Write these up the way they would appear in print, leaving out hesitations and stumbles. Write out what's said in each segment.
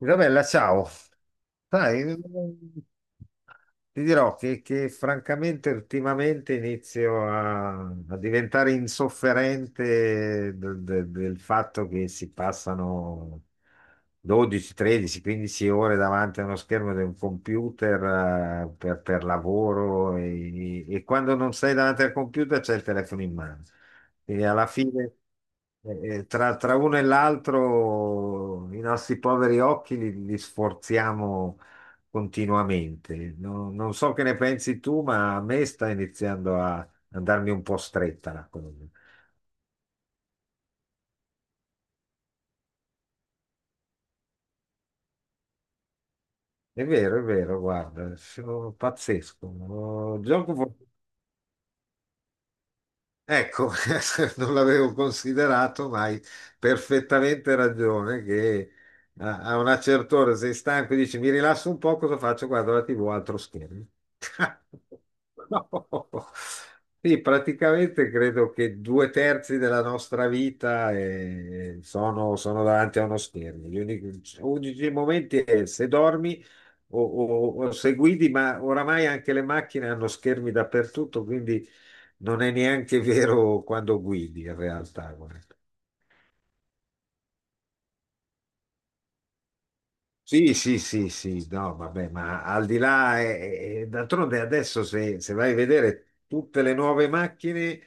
Isabella, ciao. Sai, ti dirò che francamente ultimamente inizio a diventare insofferente del fatto che si passano 12, 13, 15 ore davanti a uno schermo di un computer per lavoro e quando non sei davanti al computer c'è il telefono in mano. Quindi alla fine tra uno e l'altro i nostri poveri occhi li sforziamo continuamente. Non so che ne pensi tu, ma a me sta iniziando a andarmi un po' stretta la cosa. È vero, guarda, sono pazzesco. Oh, gioco. Ecco, non l'avevo considerato, ma hai perfettamente ragione che a una certa ora sei stanco e dici mi rilasso un po', cosa faccio? Guardo la TV, altro schermo. No. Sì, praticamente credo che due terzi della nostra vita sono davanti a uno schermo. Gli unici, unici momenti è se dormi o se guidi, ma oramai anche le macchine hanno schermi dappertutto, quindi non è neanche vero quando guidi in realtà, guarda. Sì, sì, sì, sì, no, vabbè, ma al di là, d'altronde adesso se vai a vedere tutte le nuove macchine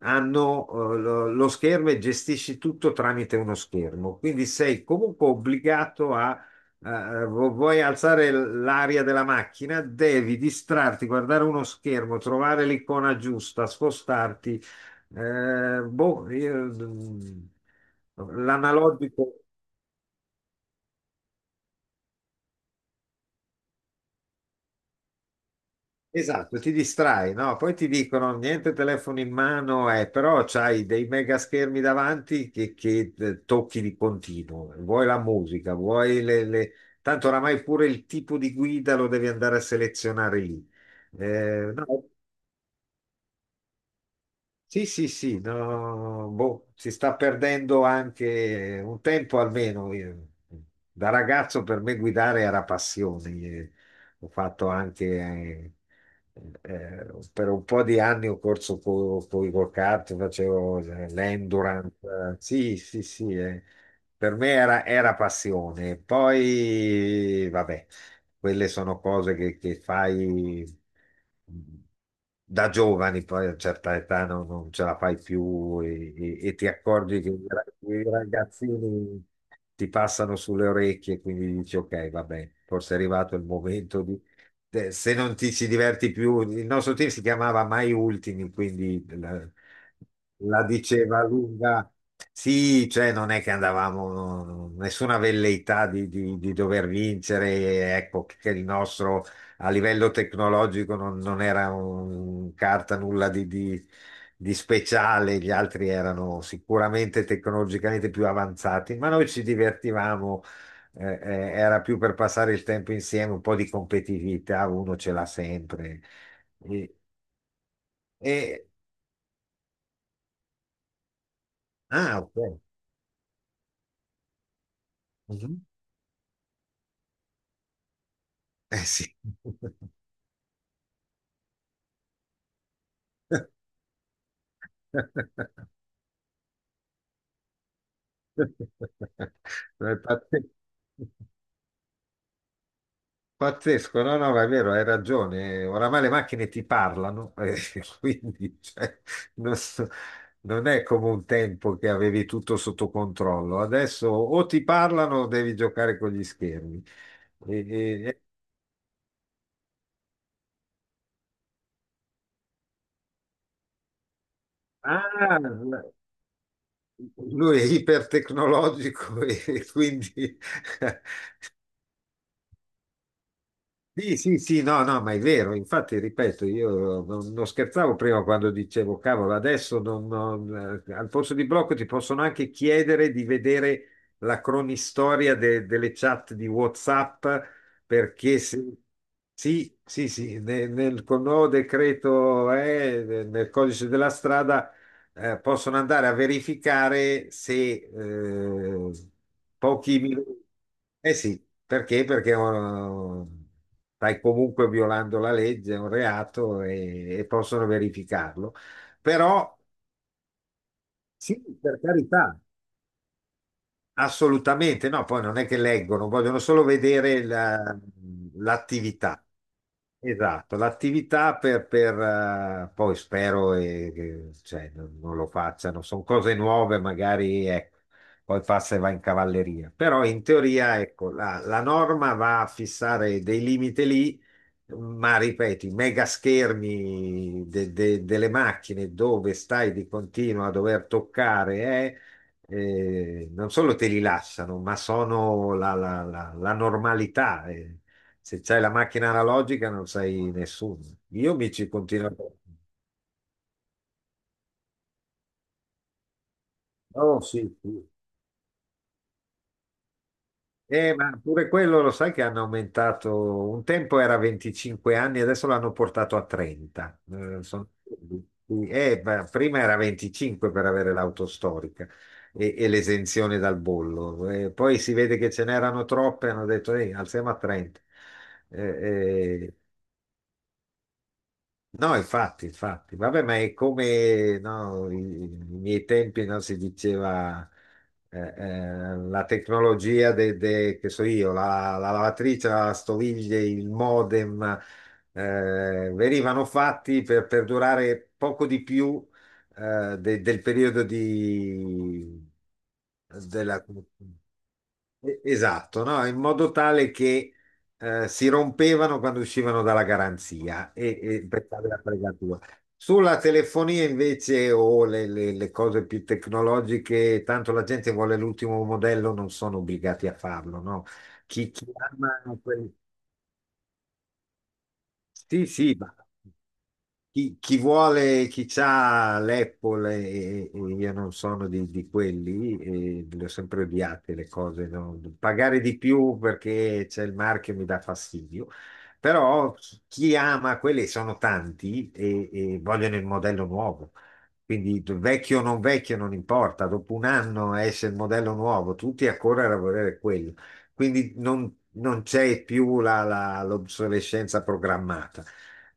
hanno lo schermo e gestisci tutto tramite uno schermo, quindi sei comunque obbligato a, vuoi alzare l'aria della macchina, devi distrarti, guardare uno schermo, trovare l'icona giusta, spostarti, boh, l'analogico. Esatto, ti distrai, no? Poi ti dicono niente telefono in mano, però c'hai dei mega schermi davanti che tocchi di continuo. Vuoi la musica, vuoi le. Tanto oramai pure il tipo di guida lo devi andare a selezionare lì. No, sì, sì, sì, no, boh, si sta perdendo anche un tempo almeno. Io... Da ragazzo per me guidare era passione. Ho fatto anche eh, per un po' di anni ho corso con i go-kart, facevo l'endurance. Eh, sì, sì, sì, per me era passione. Poi, vabbè, quelle sono cose che fai da giovani, poi a certa età non ce la fai più e ti accorgi che i ragazzini ti passano sulle orecchie, quindi dici ok, vabbè, forse è arrivato il momento di... Se non ti ci diverti più, il nostro team si chiamava Mai Ultimi, quindi la diceva lunga. Sì, cioè non è che andavamo, nessuna velleità di dover vincere, ecco che il nostro a livello tecnologico non era un carta nulla di speciale, gli altri erano sicuramente tecnologicamente più avanzati, ma noi ci divertivamo, era più per passare il tempo insieme, un po' di competitività, uno ce l'ha sempre. E, e- ah, ok. Mhm. Eh sì. No, è pazze- Pazzesco, no, no, ma è vero, hai ragione. Oramai le macchine ti parlano, quindi cioè, non, so- non è come un tempo che avevi tutto sotto controllo. Adesso o ti parlano o devi giocare con gli schermi. E- e- e- ah, lui è ipertecnologico e quindi sì, sì, sì, no, no, ma è vero, infatti, ripeto, io non scherzavo prima quando dicevo, cavolo, adesso al posto di blocco ti possono anche chiedere di vedere la cronistoria delle chat di WhatsApp, perché se... Sì, sì, sì, col nuovo decreto, nel codice della strada possono andare a verificare se eh, pochi minuti. Eh sì, perché? Perché oh, stai comunque violando la legge, è un reato e possono verificarlo. Però sì, per carità, assolutamente, no, poi non è che leggono, vogliono solo vedere l'attività. Esatto, l'attività per poi spero che cioè, non lo facciano, sono cose nuove, magari ecco, poi passa e va in cavalleria. Però in teoria ecco, la norma va a fissare dei limiti lì, ma ripeto, i mega schermi delle macchine dove stai di continuo a dover toccare, non solo te li lasciano, ma sono la normalità. Eh. Se c'hai la macchina analogica non sei nessuno. Io mi ci continuo. Oh, sì, sì. Ma pure quello lo sai che hanno aumentato, un tempo era 25 anni, adesso l'hanno portato a 30. Son... ma prima era 25 per avere l'auto storica e l'esenzione dal bollo. Poi si vede che ce n'erano troppe, hanno detto, alziamo a 30. Eh, eh, No, infatti, infatti, vabbè, ma è come no, i miei tempi no, si diceva la tecnologia che so io, la lavatrice, la stoviglie, il modem, venivano fatti per durare poco di più del periodo di, della, esatto, no? In modo tale che si rompevano quando uscivano dalla garanzia e per fare la fregatura. Sulla telefonia invece o le cose più tecnologiche, tanto la gente vuole l'ultimo modello, non sono obbligati a farlo, no? Chi ama quel... Sì, sì, ma chi vuole, chi ha l'Apple e io non sono di quelli, e le ho sempre odiate le cose, no? Pagare di più perché c'è il marchio mi dà fastidio, però chi chi ama quelli sono tanti e vogliono il modello nuovo, quindi vecchio o non vecchio non importa, dopo un anno esce il modello nuovo, tutti a correre a volere quello, quindi non c'è più l'obsolescenza programmata.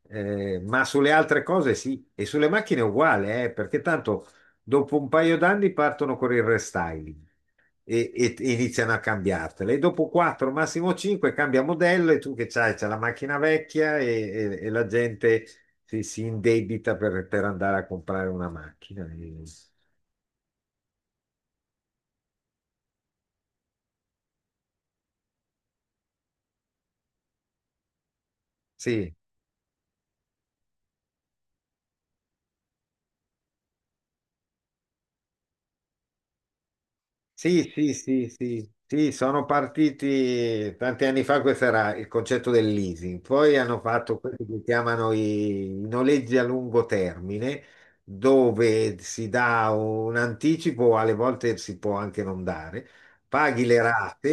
Ma sulle altre cose sì, e sulle macchine è uguale, perché tanto dopo un paio d'anni partono con il restyling e iniziano a cambiartele. E dopo 4, massimo 5, cambia modello e tu che c'hai, c'è la macchina vecchia e la gente si indebita per andare a comprare una macchina. Sì, sì, sì, sì, sì, sì, sono partiti tanti anni fa, questo era il concetto del leasing, poi hanno fatto quelli che chiamano i noleggi a lungo termine, dove si dà un anticipo, alle volte si può anche non dare, paghi le rate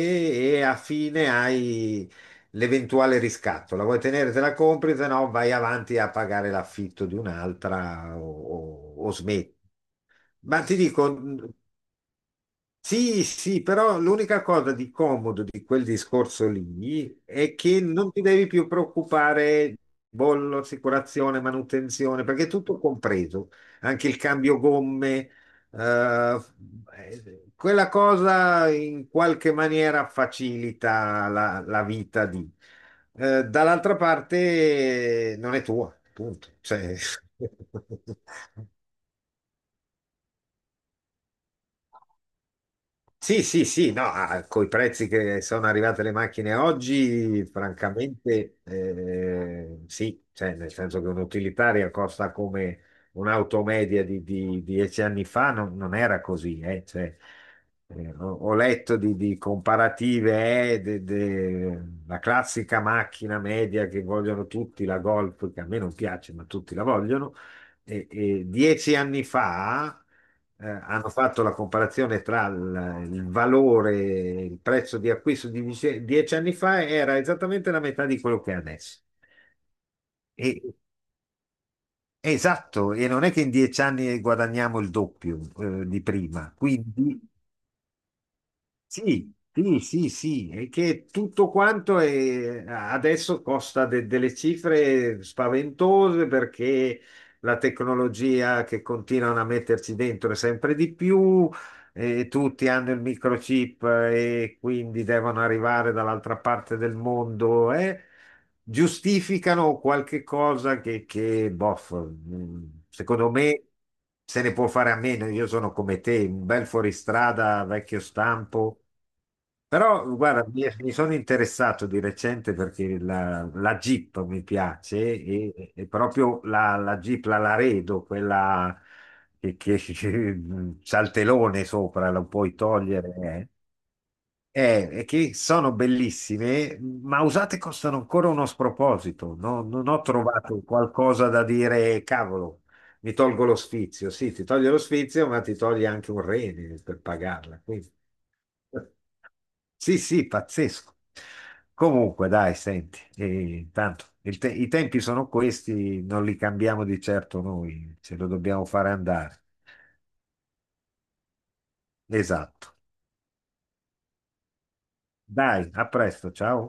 e a fine hai l'eventuale riscatto, la vuoi tenere, te la compri, se no vai avanti a pagare l'affitto di un'altra o, o smetti. Ma ti dico, sì, sì, però l'unica cosa di comodo di quel discorso lì è che non ti devi più preoccupare bollo, assicurazione, manutenzione, perché è tutto compreso, anche il cambio gomme, eh, quella cosa in qualche maniera facilita la vita di. Dall'altra parte non è tua, punto. Cioè, sì, sì, sì, no, ah, coi prezzi che sono arrivate le macchine oggi, francamente, sì, cioè, nel senso che un'utilitaria costa come un'auto media di 10 anni fa, non era così, cioè, ho letto di comparative, la classica macchina media che vogliono tutti, la Golf, che a me non piace, ma tutti la vogliono, e 10 anni fa hanno fatto la comparazione tra il valore, il prezzo di acquisto di 10, 10 anni fa era esattamente la metà di quello che è adesso. E- esatto, e non è che in 10 anni guadagniamo il doppio, di prima. Quindi sì, sì, sì, sì, è che tutto quanto adesso costa delle cifre spaventose perché la tecnologia che continuano a metterci dentro è sempre di più, e tutti hanno il microchip e quindi devono arrivare dall'altra parte del mondo e giustificano qualche cosa che bof, mm, secondo me se ne può fare a meno. Io sono come te, un bel fuoristrada vecchio stampo però guarda, mi sono interessato di recente perché la Jeep mi piace e proprio la Jeep, la Laredo, quella che che c'ha il telone sopra, lo puoi togliere, è che sono bellissime, ma usate costano ancora uno sproposito. Non ho trovato qualcosa da dire, cavolo, mi tolgo lo sfizio. Sì, ti toglie lo sfizio, ma ti toglie anche un rene per pagarla. Quindi, sì, sì, pazzesco. Comunque, dai, senti, tanto i tempi sono questi, non li cambiamo di certo noi, ce lo dobbiamo fare andare. Esatto. Dai, a presto, ciao.